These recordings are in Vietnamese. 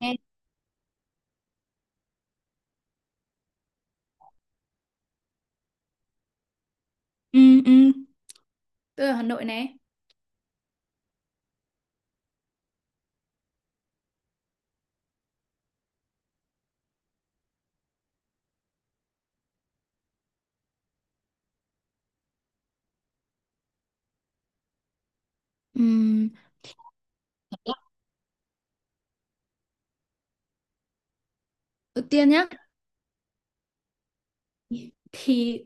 Ê, ừ, ừ, tôi ở Hà Nội này. Ừm, Đầu tiên nhá, thì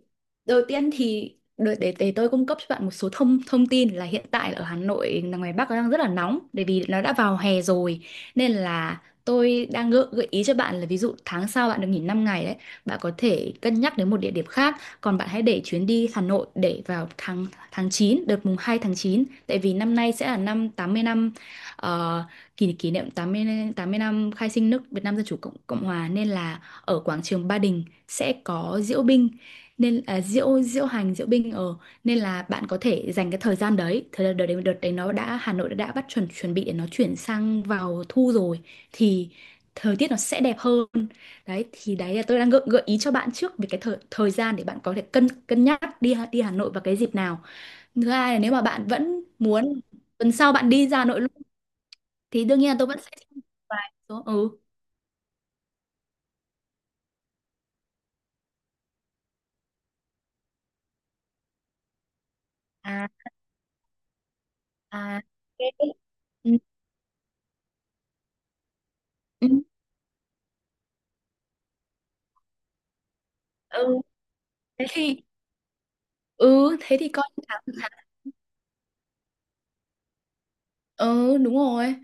đầu tiên thì đợi để tôi cung cấp cho bạn một số thông thông tin là hiện tại ở Hà Nội là ngoài Bắc nó đang rất là nóng bởi vì nó đã vào hè rồi, nên là tôi đang gợi ý cho bạn là ví dụ tháng sau bạn được nghỉ 5 ngày đấy, bạn có thể cân nhắc đến một địa điểm khác, còn bạn hãy để chuyến đi Hà Nội để vào tháng tháng 9, đợt mùng 2 tháng 9, tại vì năm nay sẽ là năm 80 năm, ờ, kỷ kỷ niệm tám mươi năm khai sinh nước Việt Nam Dân chủ Cộng Cộng hòa, nên là ở quảng trường Ba Đình sẽ có diễu binh, nên diễu diễu hành diễu binh ở nên là bạn có thể dành cái thời gian đấy, thời gian đợt đấy nó đã, Hà Nội đã bắt chuẩn chuẩn bị để nó chuyển sang vào thu rồi thì thời tiết nó sẽ đẹp hơn. Đấy thì đấy là tôi đang gợi ý cho bạn trước về cái thời thời gian để bạn có thể cân cân nhắc đi Hà Nội vào cái dịp nào. Thứ hai là nếu mà bạn vẫn muốn tuần sau bạn đi ra Hà Nội luôn thì đương nhiên là tôi vẫn sẽ vài số ừ à à ok. Ừ, ừ. Ừ. thế thì ừ Thế thì coi như tháng tháng ừ, đúng rồi,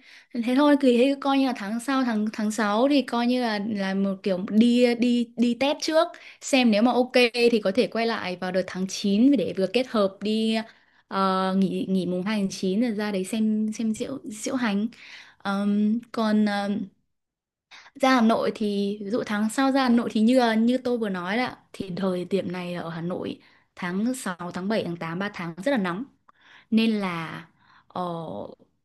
thế thôi thì thế coi như là tháng sau, tháng tháng 6 thì coi như là một kiểu đi đi đi test trước, xem nếu mà ok thì có thể quay lại vào đợt tháng 9 để vừa kết hợp đi, nghỉ nghỉ mùng 2 tháng 9 rồi ra đấy xem diễu diễu hành. Còn Ra Hà Nội thì ví dụ tháng sau ra Hà Nội thì như tôi vừa nói là thì thời điểm này ở Hà Nội tháng sáu, tháng bảy, tháng tám, 3 tháng rất là nóng. Nên là, ờ,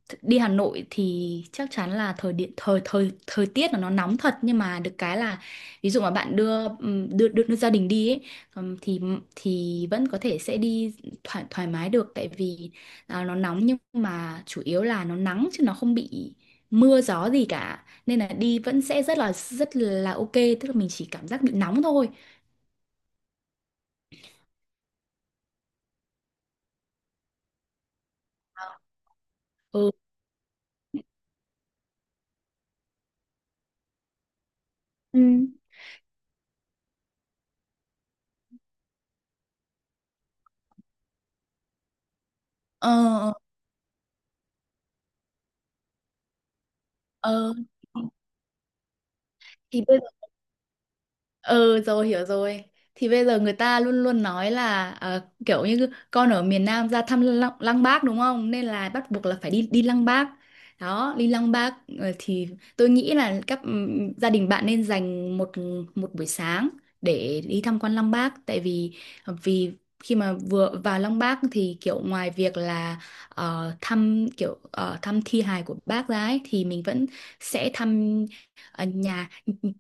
đi Hà Nội thì chắc chắn là thời điện thời thời thời tiết là nó nóng thật, nhưng mà được cái là ví dụ mà bạn đưa đưa gia đình đi ấy, thì vẫn có thể sẽ đi thoải thoải mái được, tại vì nó nóng nhưng mà chủ yếu là nó nắng chứ nó không bị mưa gió gì cả, nên là đi vẫn sẽ rất là ok, tức là mình chỉ cảm giác bị nóng thôi. Ừ. Ừ. ờ ờ thì bây Ừ, rồi, hiểu rồi. Thì bây giờ người ta luôn luôn nói là, kiểu như con ở miền Nam ra thăm Lăng Bác đúng không, nên là bắt buộc là phải đi đi Lăng Bác. Đó, đi Lăng Bác, thì tôi nghĩ là gia đình bạn nên dành một một buổi sáng để đi tham quan Lăng Bác. Tại vì vì khi mà vừa vào Lăng Bác thì kiểu ngoài việc là, thăm thi hài của bác ra ấy, thì mình vẫn sẽ thăm, nhà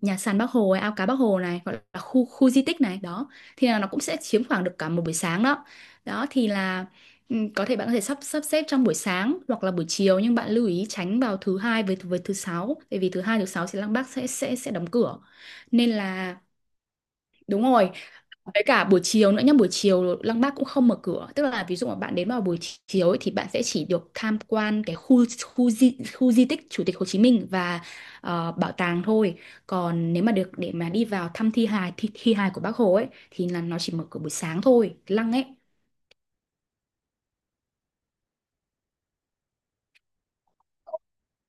nhà sàn Bác Hồ ấy, ao cá Bác Hồ này, gọi là khu khu di tích này đó, thì là nó cũng sẽ chiếm khoảng được cả một buổi sáng đó. Đó thì là, có thể bạn có thể sắp sắp xếp trong buổi sáng hoặc là buổi chiều, nhưng bạn lưu ý tránh vào thứ hai với thứ sáu, bởi vì thứ hai thứ sáu sẽ là bác sẽ đóng cửa nên là. Đúng rồi. Với cả buổi chiều nữa nhá, buổi chiều Lăng Bác cũng không mở cửa. Tức là ví dụ mà bạn đến vào buổi chiều ấy, thì bạn sẽ chỉ được tham quan cái khu khu di tích Chủ tịch Hồ Chí Minh và bảo tàng thôi. Còn nếu mà được để mà đi vào thăm thi hài của Bác Hồ ấy thì là nó chỉ mở cửa buổi sáng thôi, cái Lăng ấy.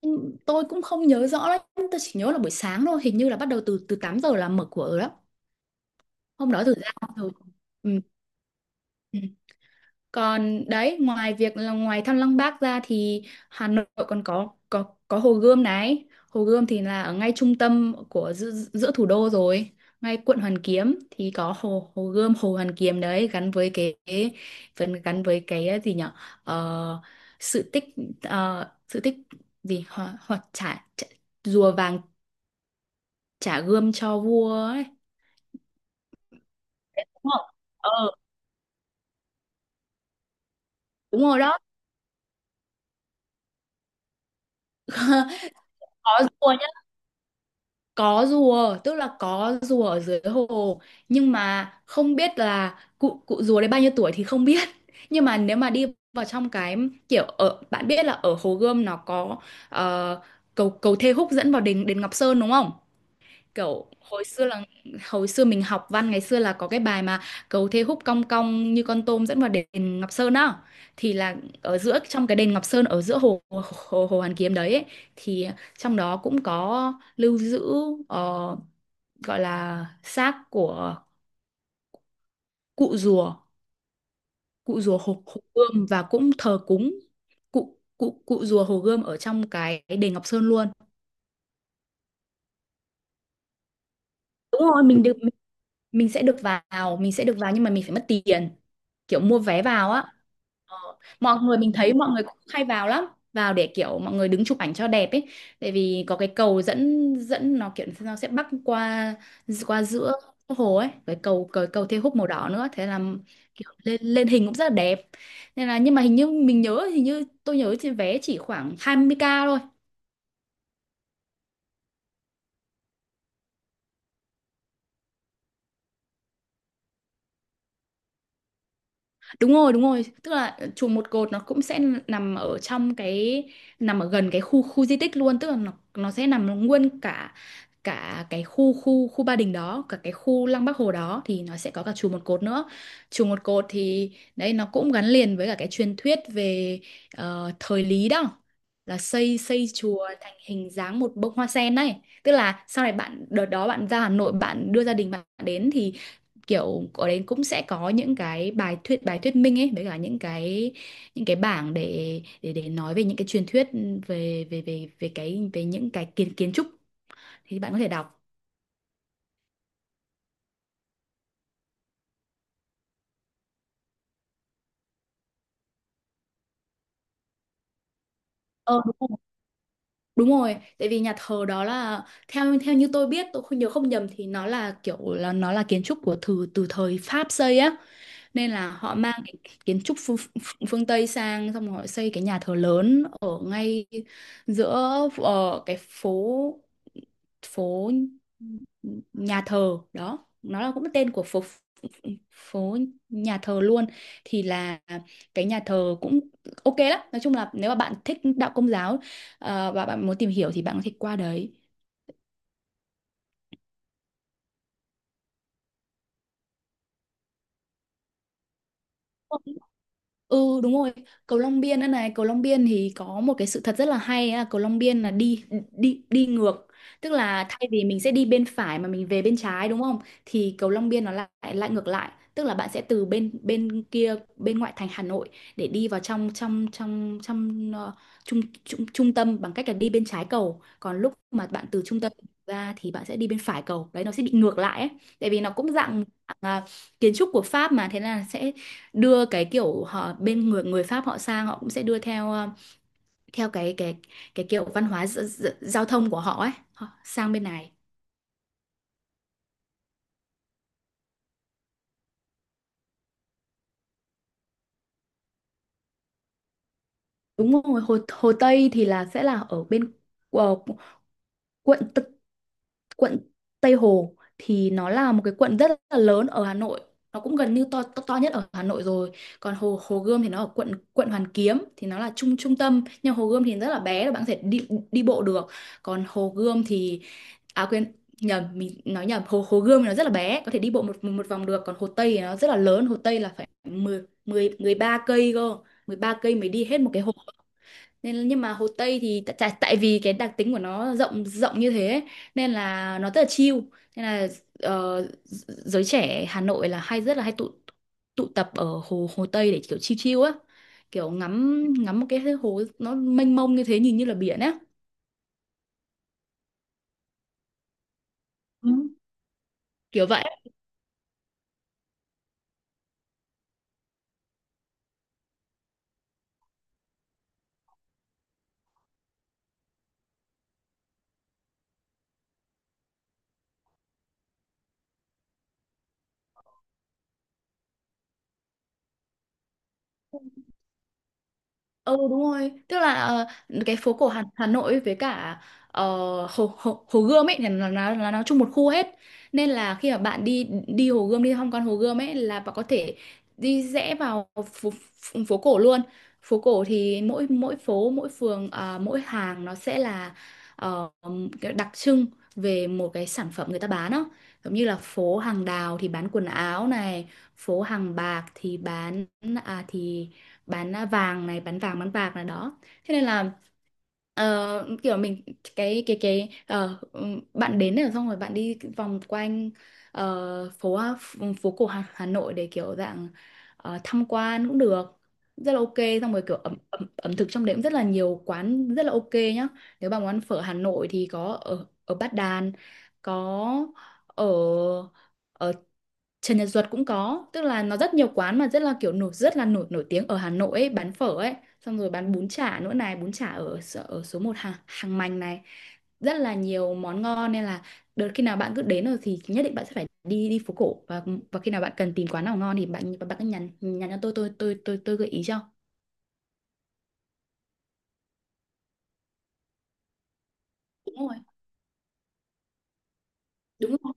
Ừ, tôi cũng không nhớ rõ lắm, tôi chỉ nhớ là buổi sáng thôi, hình như là bắt đầu từ từ 8 giờ là mở cửa rồi đó. Hôm đó từ ra rồi. Ừ. Còn đấy, ngoài việc là ngoài Thăng Long Park ra thì Hà Nội còn có Hồ Gươm này. Hồ Gươm thì là ở ngay trung tâm của giữa thủ đô rồi, ngay quận Hoàn Kiếm thì có Hồ Hồ Gươm, Hồ Hoàn Kiếm đấy, gắn với cái phần, gắn với cái, gì nhở. Ờ, sự tích sự tích gì, hoặc trả, trả rùa vàng trả gươm cho vua ấy. Đúng không? Ờ, đúng rồi đó. Có rùa có rùa, tức là có rùa ở dưới hồ nhưng mà không biết là cụ cụ rùa đấy bao nhiêu tuổi thì không biết nhưng mà nếu mà đi vào trong cái, kiểu ở, bạn biết là ở Hồ Gươm nó có, ờ, cầu cầu Thê Húc dẫn vào đền đền Ngọc Sơn đúng không, kiểu hồi xưa là hồi xưa mình học văn ngày xưa là có cái bài mà cầu thế húc cong cong như con tôm dẫn vào đền Ngọc Sơn á, thì là ở giữa trong cái đền Ngọc Sơn, ở giữa hồ Hoàn Kiếm đấy ấy, thì trong đó cũng có lưu giữ, ờ, gọi là xác của cụ rùa cụ rùa hồ Gươm, và cũng thờ cúng cụ cụ cụ rùa hồ Gươm ở trong cái đền Ngọc Sơn luôn. Đúng rồi mình được Mình sẽ được vào, nhưng mà mình phải mất tiền, kiểu mua vé vào á. Ờ, mọi người, mình thấy mọi người cũng hay vào lắm, vào để kiểu mọi người đứng chụp ảnh cho đẹp ấy, tại vì có cái cầu dẫn dẫn nó, kiểu nó sẽ bắc qua qua giữa hồ ấy, cái cầu Thê Húc màu đỏ nữa, thế là kiểu lên lên hình cũng rất là đẹp, nên là, nhưng mà hình như mình nhớ, hình như tôi nhớ trên vé chỉ khoảng 20k thôi. Đúng rồi, đúng rồi. Tức là chùa Một Cột nó cũng sẽ nằm ở trong cái nằm ở gần cái khu khu di tích luôn, tức là nó sẽ nằm nguyên cả cả cái khu khu khu Ba Đình đó, cả cái khu Lăng Bác Hồ đó thì nó sẽ có cả chùa Một Cột nữa. Chùa Một Cột thì đấy nó cũng gắn liền với cả cái truyền thuyết về, thời Lý đó, là xây xây chùa thành hình dáng một bông hoa sen này. Tức là sau này, bạn đợt đó bạn ra Hà Nội bạn đưa gia đình bạn đến, kiểu ở đấy cũng sẽ có những cái bài thuyết minh ấy, với cả những cái bảng để nói về những cái truyền thuyết, về về về về cái về những cái kiến kiến trúc thì bạn có thể đọc. Ờ, đúng rồi. Đúng rồi, tại vì nhà thờ đó là, theo theo như tôi biết, tôi không nhớ không nhầm thì nó là kiểu là nó là kiến trúc của, từ từ thời Pháp xây á, nên là họ mang cái kiến trúc phương Tây sang, xong rồi họ xây cái nhà thờ lớn ở ngay giữa, cái phố phố nhà thờ đó, nó là cũng tên của phố phố nhà thờ luôn, thì là cái nhà thờ cũng ok lắm. Nói chung là nếu mà bạn thích đạo công giáo, và bạn muốn tìm hiểu thì bạn có thể qua đấy. Ừ, đúng rồi, cầu Long Biên nữa này, cầu Long Biên thì có một cái sự thật rất là hay á, cầu Long Biên là đi đi đi ngược, tức là thay vì mình sẽ đi bên phải mà mình về bên trái đúng không? Thì cầu Long Biên nó lại lại ngược lại, tức là bạn sẽ từ bên bên kia, bên ngoại thành Hà Nội, để đi vào trong trong trong trong, trung trung trung tâm bằng cách là đi bên trái cầu, còn lúc mà bạn từ trung tâm ra thì bạn sẽ đi bên phải cầu. Đấy nó sẽ bị ngược lại ấy, tại vì nó cũng dạng à, kiến trúc của Pháp, mà thế là sẽ đưa cái kiểu họ bên người người Pháp. Họ sang họ cũng sẽ đưa theo theo cái kiểu văn hóa giao thông của họ ấy, họ sang bên này. Đúng rồi, Hồ Hồ Tây thì là sẽ là ở bên ờ, quận quận Tây Hồ, thì nó là một cái quận rất là lớn ở Hà Nội, nó cũng gần như to nhất ở Hà Nội rồi. Còn Hồ Hồ Gươm thì nó ở quận quận Hoàn Kiếm, thì nó là trung trung tâm, nhưng Hồ Gươm thì rất là bé, là bạn có thể đi đi bộ được. Còn Hồ Gươm thì à quên nhầm mình nói nhầm, Hồ Hồ Gươm thì nó rất là bé, có thể đi bộ một một vòng được, còn Hồ Tây thì nó rất là lớn, Hồ Tây là phải mười mười 13 cây cơ, 13 cây mới đi hết một cái hồ. Nên là- nhưng mà Hồ Tây thì tại tại tại vì cái đặc tính của nó rộng rộng như thế ấy, nên là nó rất là chill. Nên là giới trẻ Hà Nội là hay rất là hay tụ tụ tập ở hồ Hồ Tây để kiểu chill chill á, kiểu ngắm ngắm một cái hồ nó mênh mông như thế, nhìn như là biển á. Ừ, kiểu vậy. Ừ đúng rồi, tức là cái phố cổ Hà Nội với cả ờ, Hồ Gươm ấy thì là nó chung một khu hết. Nên là khi mà bạn đi đi Hồ Gươm, đi tham quan Hồ Gươm ấy, là bạn có thể đi rẽ vào phố, phố phố cổ luôn. Phố cổ thì mỗi mỗi phố, mỗi phường, à, mỗi hàng nó sẽ là ờ, cái đặc trưng về một cái sản phẩm người ta bán đó. Giống như là phố hàng đào thì bán quần áo này, phố hàng bạc thì à thì bán vàng bán bạc này đó. Thế nên là ờ, kiểu mình cái ờ, bạn đến rồi, xong rồi bạn đi vòng quanh ờ, phố phố cổ Hà Nội, để kiểu dạng tham quan cũng được, rất là ok. Xong rồi kiểu ẩm thực trong đấy cũng rất là nhiều quán rất là ok nhá. Nếu bạn muốn ăn phở Hà Nội thì có ở ở Bát Đàn, có ở ở Trần Nhật Duật cũng có, tức là nó rất nhiều quán mà rất là kiểu nổi rất là nổi nổi tiếng ở Hà Nội ấy, bán phở ấy. Xong rồi bán bún chả nữa này, bún chả ở ở số 1 hàng hàng mành này, rất là nhiều món ngon. Nên là đợt khi nào bạn cứ đến rồi thì nhất định bạn sẽ phải đi đi phố cổ. Và khi nào bạn cần tìm quán nào ngon thì bạn bạn cứ nhắn nhắn cho tôi, tôi gợi ý cho. Đúng rồi đúng rồi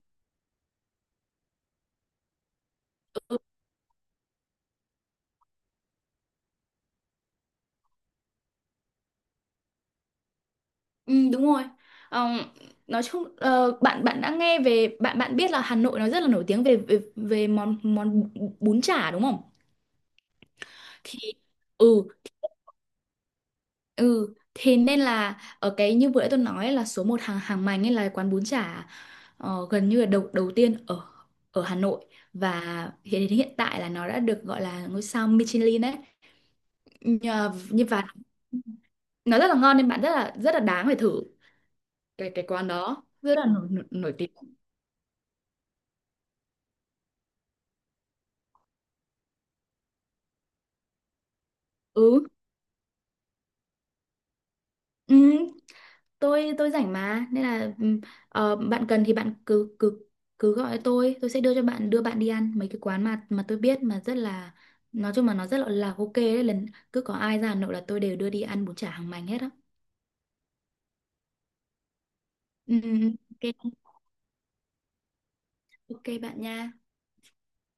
Ừ, đúng rồi. Ờ, nói chung bạn bạn đã nghe về, bạn bạn biết là Hà Nội nó rất là nổi tiếng về về, về món món bún chả đúng không? Thì ừ, ừ thì nên là ở cái như vừa nãy tôi nói là số 1 hàng hàng mành ấy là quán bún chả gần như là đầu đầu tiên ở ở Hà Nội. Và hiện đến hiện tại là nó đã được gọi là ngôi sao Michelin đấy. Nhờ như và nó rất là ngon, nên bạn rất là đáng phải thử. Cái quán đó rất là nổi tiếng. Ừ. Ừ, tôi rảnh mà, nên là ừ, bạn cần thì bạn cứ cứ cứ gọi tôi sẽ đưa cho bạn, đưa bạn đi ăn mấy cái quán mà tôi biết mà rất là, nói chung mà nó rất là ok đấy. Lần cứ có ai ra Hà Nội là tôi đều đưa đi ăn bún chả hàng mành hết á. Ừ, ok. Ok bạn nha.